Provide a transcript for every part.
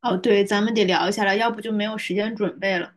哦，对，咱们得聊一下了，要不就没有时间准备了。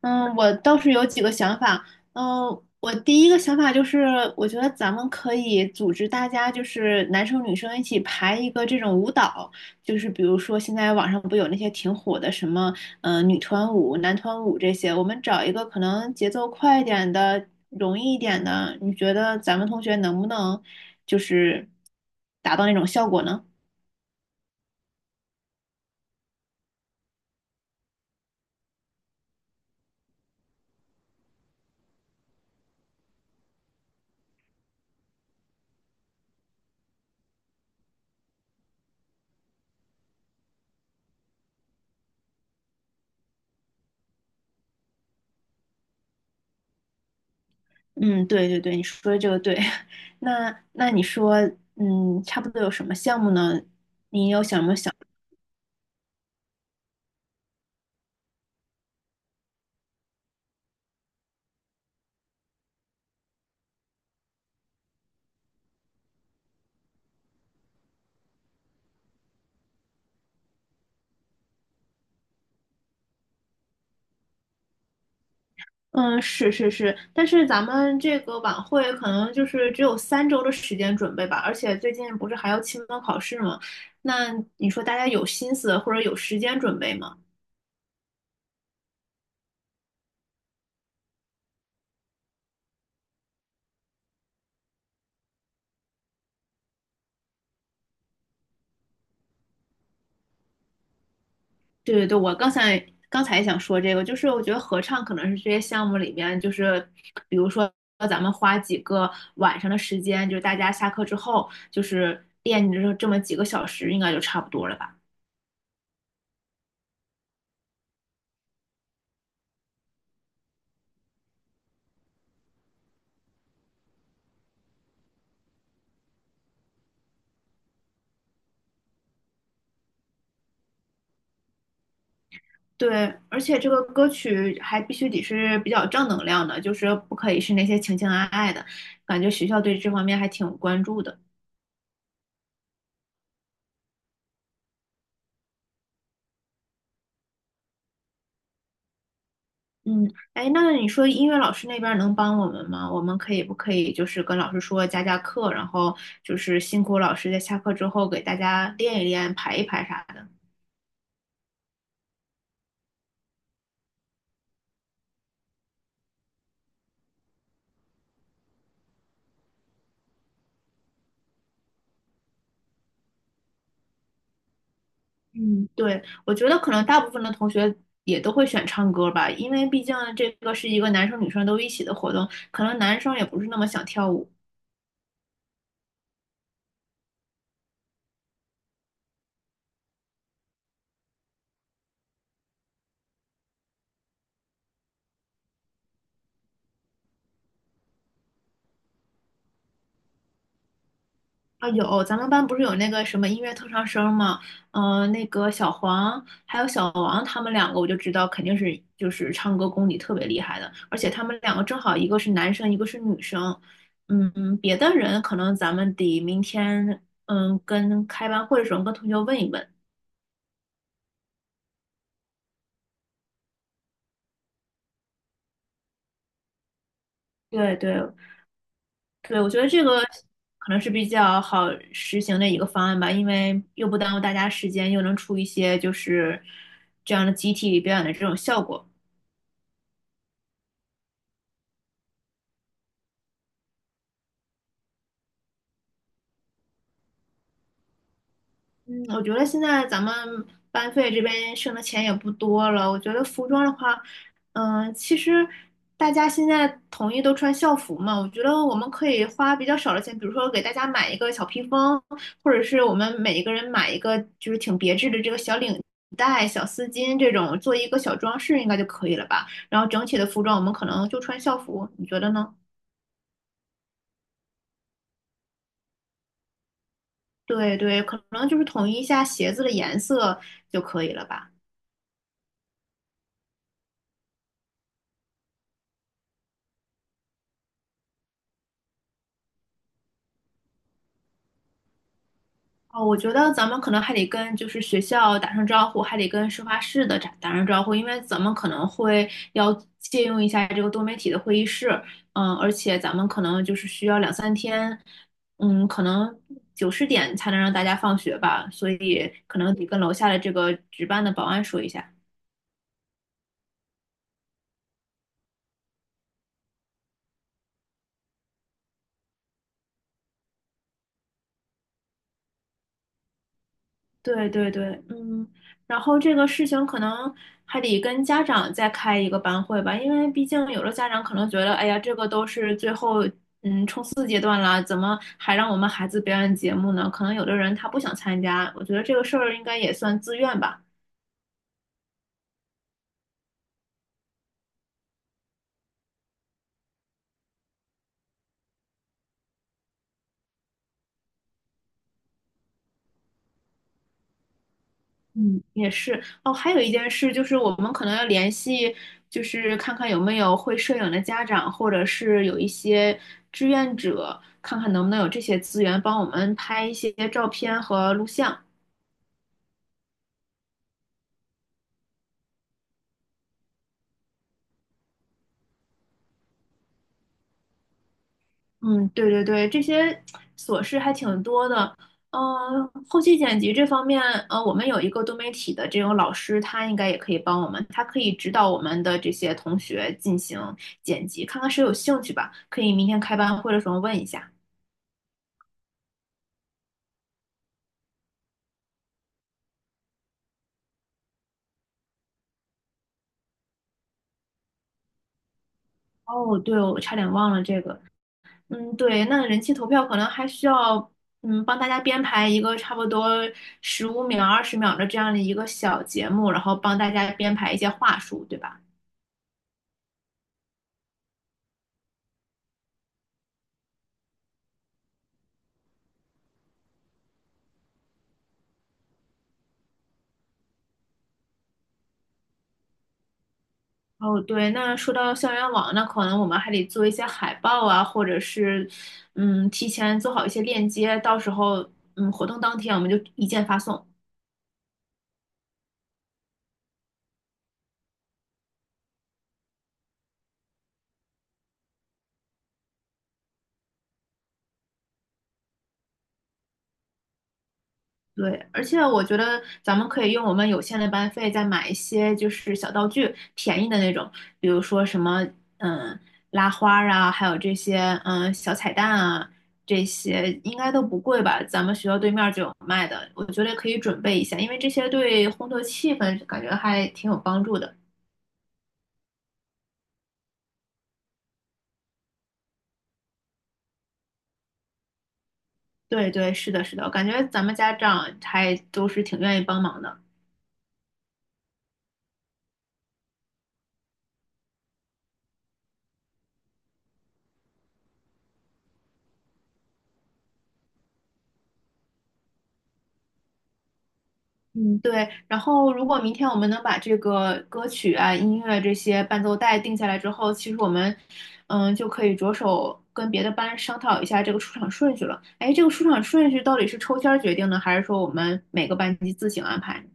我倒是有几个想法。嗯，我第一个想法就是，我觉得咱们可以组织大家，就是男生女生一起排一个这种舞蹈，就是比如说现在网上不有那些挺火的什么，女团舞、男团舞这些，我们找一个可能节奏快一点的、容易一点的，你觉得咱们同学能不能就是达到那种效果呢？嗯，对对对，你说的这个对。那你说，差不多有什么项目呢？嗯，是是是，但是咱们这个晚会可能就是只有3周的时间准备吧，而且最近不是还要期末考试吗？那你说大家有心思或者有时间准备吗？对对对，我刚才也想说这个，就是我觉得合唱可能是这些项目里面，就是比如说咱们花几个晚上的时间，就是大家下课之后，就是练这么几个小时，应该就差不多了吧？对，而且这个歌曲还必须得是比较正能量的，就是不可以是那些情情爱爱的，感觉学校对这方面还挺关注的。嗯，哎，那你说音乐老师那边儿能帮我们吗？我们可以不可以就是跟老师说加课，然后就是辛苦老师在下课之后给大家练一练、排一排啥的？嗯，对，我觉得可能大部分的同学也都会选唱歌吧，因为毕竟这个是一个男生女生都一起的活动，可能男生也不是那么想跳舞。啊，有，咱们班不是有那个什么音乐特长生吗？那个小黄还有小王，他们两个我就知道肯定是就是唱歌功底特别厉害的，而且他们两个正好一个是男生，一个是女生。别的人可能咱们得明天跟开班会的时候跟同学问一问。对对对，我觉得这个可能是比较好实行的一个方案吧，因为又不耽误大家时间，又能出一些就是这样的集体表演的这种效果。嗯我觉得现在咱们班费这边剩的钱也不多了。我觉得服装的话，其实大家现在统一都穿校服嘛，我觉得我们可以花比较少的钱，比如说给大家买一个小披风，或者是我们每一个人买一个就是挺别致的这个小领带、小丝巾这种，做一个小装饰应该就可以了吧。然后整体的服装我们可能就穿校服，你觉得呢？对对，可能就是统一一下鞋子的颜色就可以了吧。哦，我觉得咱们可能还得跟就是学校打声招呼，还得跟事发室的打声招呼，因为咱们可能会要借用一下这个多媒体的会议室，而且咱们可能就是需要两三天，可能9、10点才能让大家放学吧，所以可能得跟楼下的这个值班的保安说一下。对对对，然后这个事情可能还得跟家长再开一个班会吧，因为毕竟有的家长可能觉得，哎呀，这个都是最后四阶段了，怎么还让我们孩子表演节目呢？可能有的人他不想参加，我觉得这个事儿应该也算自愿吧。嗯，也是哦，还有一件事就是我们可能要联系，就是看看有没有会摄影的家长，或者是有一些志愿者，看看能不能有这些资源帮我们拍一些照片和录像。嗯，对对对，这些琐事还挺多的。后期剪辑这方面，我们有一个多媒体的这种老师，他应该也可以帮我们，他可以指导我们的这些同学进行剪辑，看看谁有兴趣吧。可以明天开班会的时候问一下。哦，对，我差点忘了这个。嗯，对，那人气投票可能还需要，帮大家编排一个差不多15秒、20秒的这样的一个小节目，然后帮大家编排一些话术，对吧？哦，对，那说到校园网，那可能我们还得做一些海报啊，或者是，提前做好一些链接，到时候，活动当天我们就一键发送。对，而且我觉得咱们可以用我们有限的班费再买一些就是小道具，便宜的那种，比如说什么，嗯，拉花儿啊，还有这些，小彩蛋啊，这些应该都不贵吧？咱们学校对面儿就有卖的，我觉得可以准备一下，因为这些对烘托气氛感觉还挺有帮助的。对对，是的，是的，我感觉咱们家长还都是挺愿意帮忙的。嗯，对。然后，如果明天我们能把这个歌曲啊、音乐这些伴奏带定下来之后，其实我们，就可以着手跟别的班商讨一下这个出场顺序了。哎，这个出场顺序到底是抽签儿决定呢，还是说我们每个班级自行安排呢？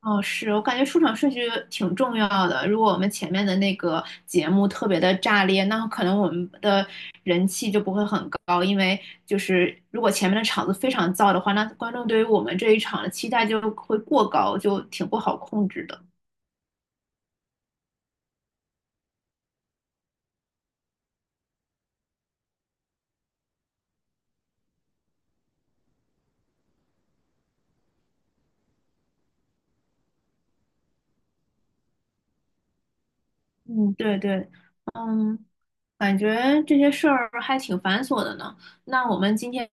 哦，是我感觉出场顺序挺重要的。如果我们前面的那个节目特别的炸裂，那可能我们的人气就不会很高，因为就是如果前面的场子非常燥的话，那观众对于我们这一场的期待就会过高，就挺不好控制的。嗯，对对，嗯，感觉这些事儿还挺繁琐的呢。那我们今天，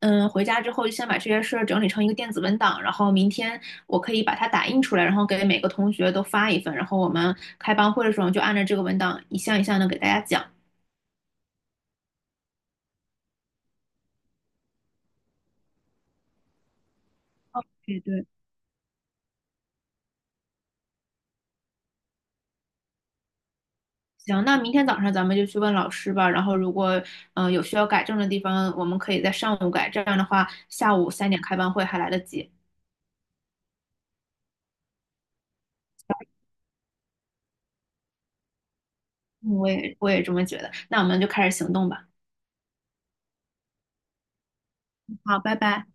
回家之后就先把这些事儿整理成一个电子文档，然后明天我可以把它打印出来，然后给每个同学都发一份，然后我们开班会的时候就按照这个文档一项一项的给大家讲。对对，行，那明天早上咱们就去问老师吧。然后如果有需要改正的地方，我们可以在上午改。这样的话，下午3点开班会还来得及。我也这么觉得。那我们就开始行动吧。好，拜拜。